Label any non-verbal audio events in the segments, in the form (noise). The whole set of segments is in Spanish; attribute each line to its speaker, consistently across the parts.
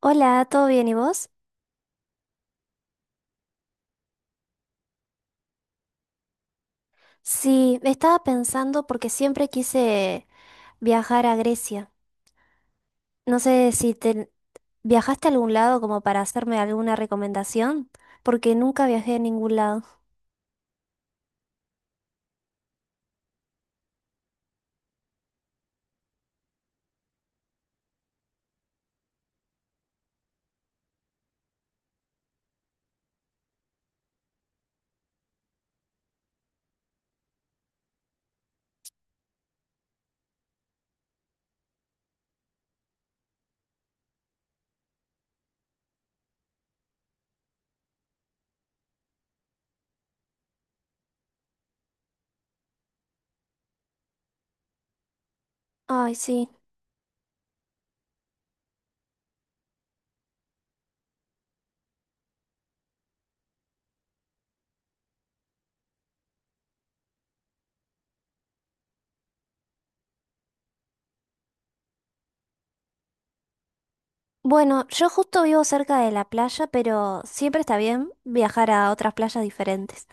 Speaker 1: Hola, ¿todo bien y vos? Sí, estaba pensando porque siempre quise viajar a Grecia. No sé si te viajaste a algún lado como para hacerme alguna recomendación, porque nunca viajé a ningún lado. Ay, sí. Bueno, yo justo vivo cerca de la playa, pero siempre está bien viajar a otras playas diferentes.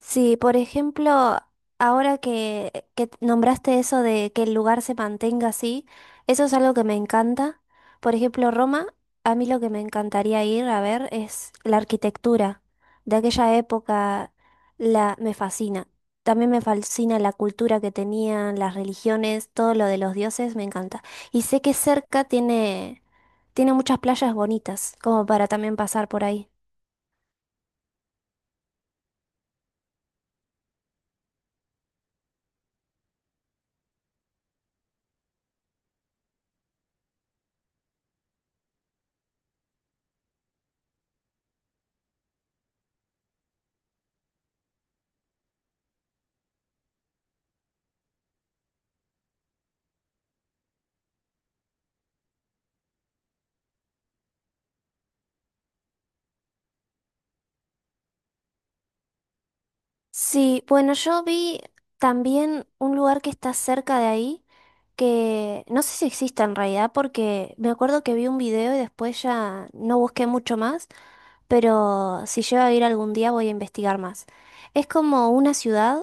Speaker 1: Sí, por ejemplo, ahora que nombraste eso de que el lugar se mantenga así, eso es algo que me encanta. Por ejemplo, Roma, a mí lo que me encantaría ir a ver es la arquitectura de aquella época, la, me fascina. También me fascina la cultura que tenían, las religiones, todo lo de los dioses, me encanta. Y sé que tiene muchas playas bonitas, como para también pasar por ahí. Sí, bueno, yo vi también un lugar que está cerca de ahí, que no sé si existe en realidad, porque me acuerdo que vi un video y después ya no busqué mucho más, pero si llego a ir algún día voy a investigar más. Es como una ciudad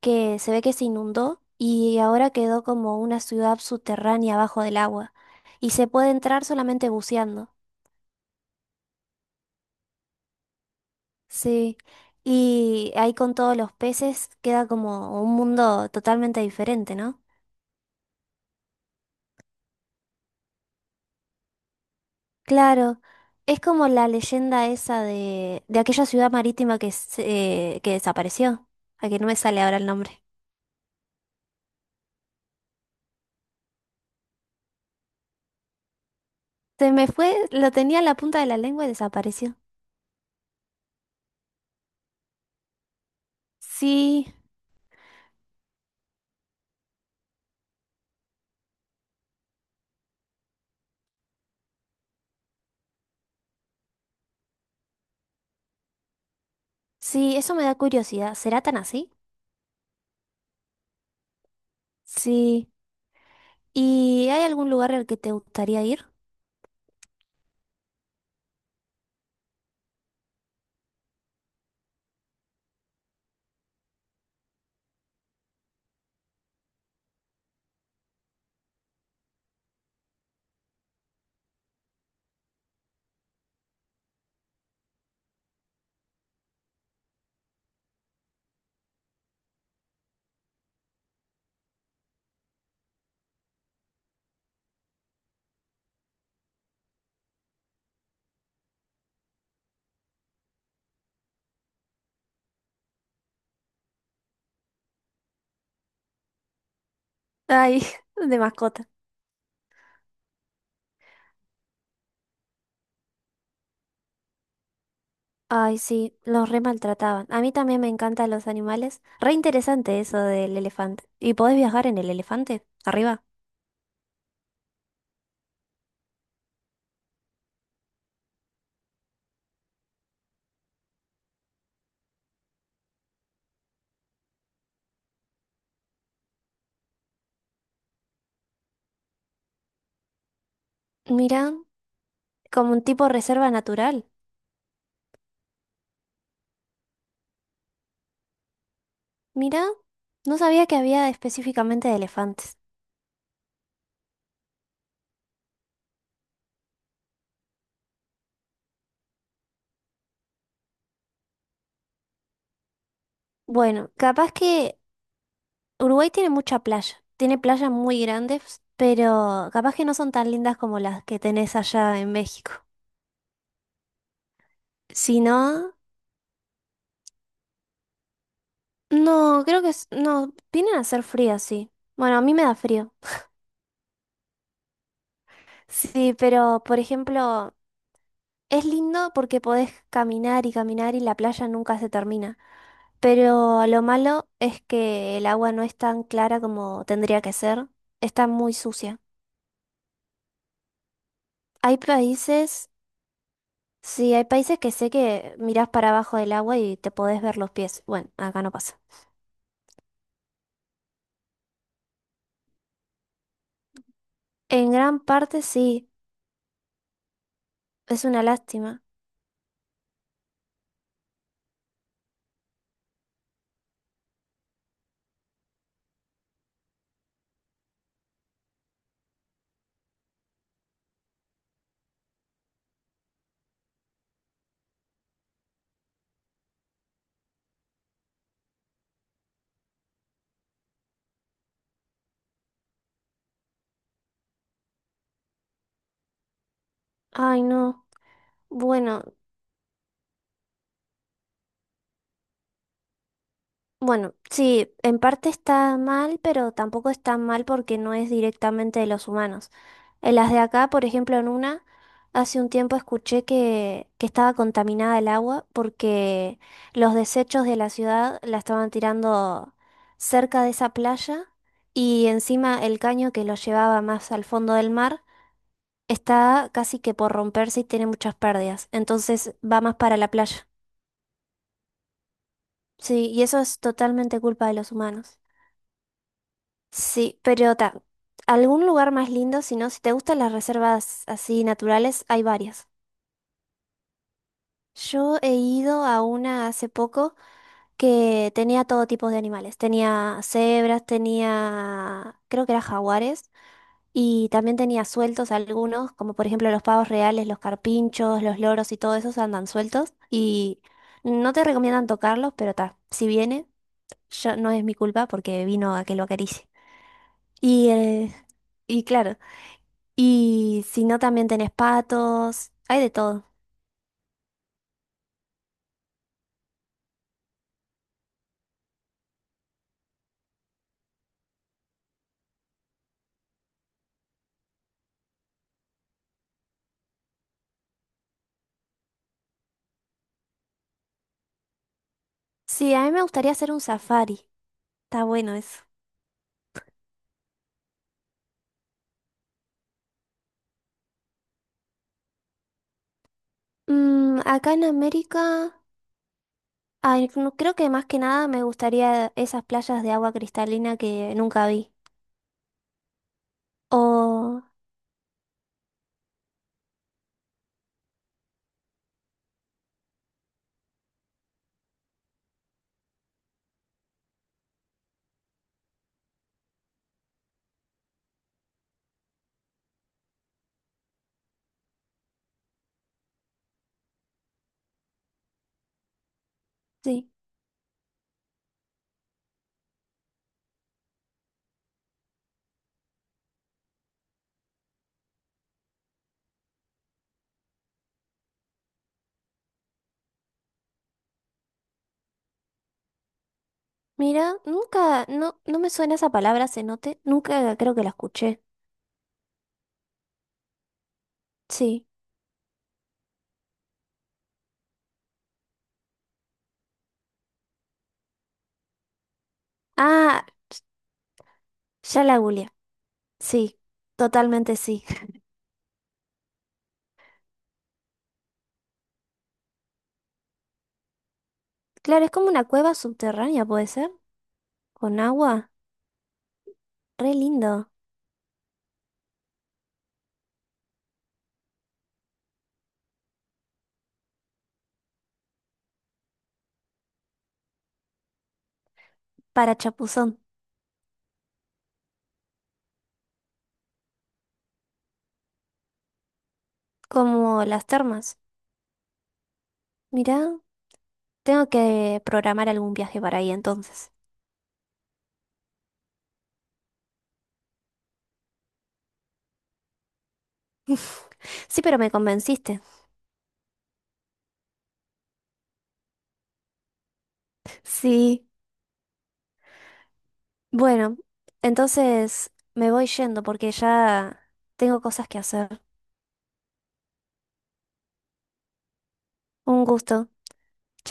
Speaker 1: que se ve que se inundó y ahora quedó como una ciudad subterránea bajo del agua y se puede entrar solamente buceando. Sí, y ahí con todos los peces queda como un mundo totalmente diferente, ¿no? Claro, es como la leyenda esa de aquella ciudad marítima que, que desapareció, a que no me sale ahora el nombre. Se me fue, lo tenía en la punta de la lengua y desapareció. Sí, sí, eso me da curiosidad. ¿Será tan así? Sí. ¿Y hay algún lugar al que te gustaría ir? Ay, (laughs) de mascota. Ay, sí, los re maltrataban. A mí también me encantan los animales. Re interesante eso del elefante. ¿Y podés viajar en el elefante? Arriba. Mira. Como un tipo reserva natural. Mira, no sabía que había específicamente de elefantes. Bueno, capaz que Uruguay tiene mucha playa. Tiene playas muy grandes, pero capaz que no son tan lindas como las que tenés allá en México. Si no, no, creo que no, vienen a ser frías, sí. Bueno, a mí me da frío. Sí, pero por ejemplo, es lindo porque podés caminar y caminar y la playa nunca se termina. Pero lo malo es que el agua no es tan clara como tendría que ser. Está muy sucia. Hay países, sí, hay países que sé que mirás para abajo del agua y te podés ver los pies. Bueno, acá no pasa. En gran parte sí, es una lástima. Ay, no. Bueno, Bueno, sí, en parte está mal, pero tampoco está mal porque no es directamente de los humanos. En las de acá, por ejemplo, en una, hace un tiempo escuché que estaba contaminada el agua porque los desechos de la ciudad la estaban tirando cerca de esa playa y encima el caño que lo llevaba más al fondo del mar está casi que por romperse y tiene muchas pérdidas. Entonces va más para la playa. Sí, y eso es totalmente culpa de los humanos. Sí, pero algún lugar más lindo, si no, si te gustan las reservas así naturales, hay varias. Yo he ido a una hace poco que tenía todo tipo de animales. Tenía cebras, tenía, creo que eran jaguares, y también tenía sueltos algunos, como por ejemplo los pavos reales, los carpinchos, los loros y todo esos andan sueltos. Y no te recomiendan tocarlos, pero ta, si viene, yo, no es mi culpa porque vino a que lo acaricie. Y, eh, y claro. Y si no, también tenés patos, hay de todo. Sí, a mí me gustaría hacer un safari. Está bueno eso. Acá en América, ay, creo que más que nada me gustaría esas playas de agua cristalina que nunca vi. O, sí, mira, nunca, no, no me suena esa palabra cenote, nunca creo que la escuché. Sí. Ah, ya la googleé. Sí, totalmente sí. (laughs) Claro, es como una cueva subterránea, ¿puede ser? Con agua. Re lindo. Para chapuzón. Como las termas. Mirá, tengo que programar algún viaje para ahí entonces. (laughs) Sí, pero me convenciste. Sí, bueno, entonces me voy yendo porque ya tengo cosas que hacer. Un gusto.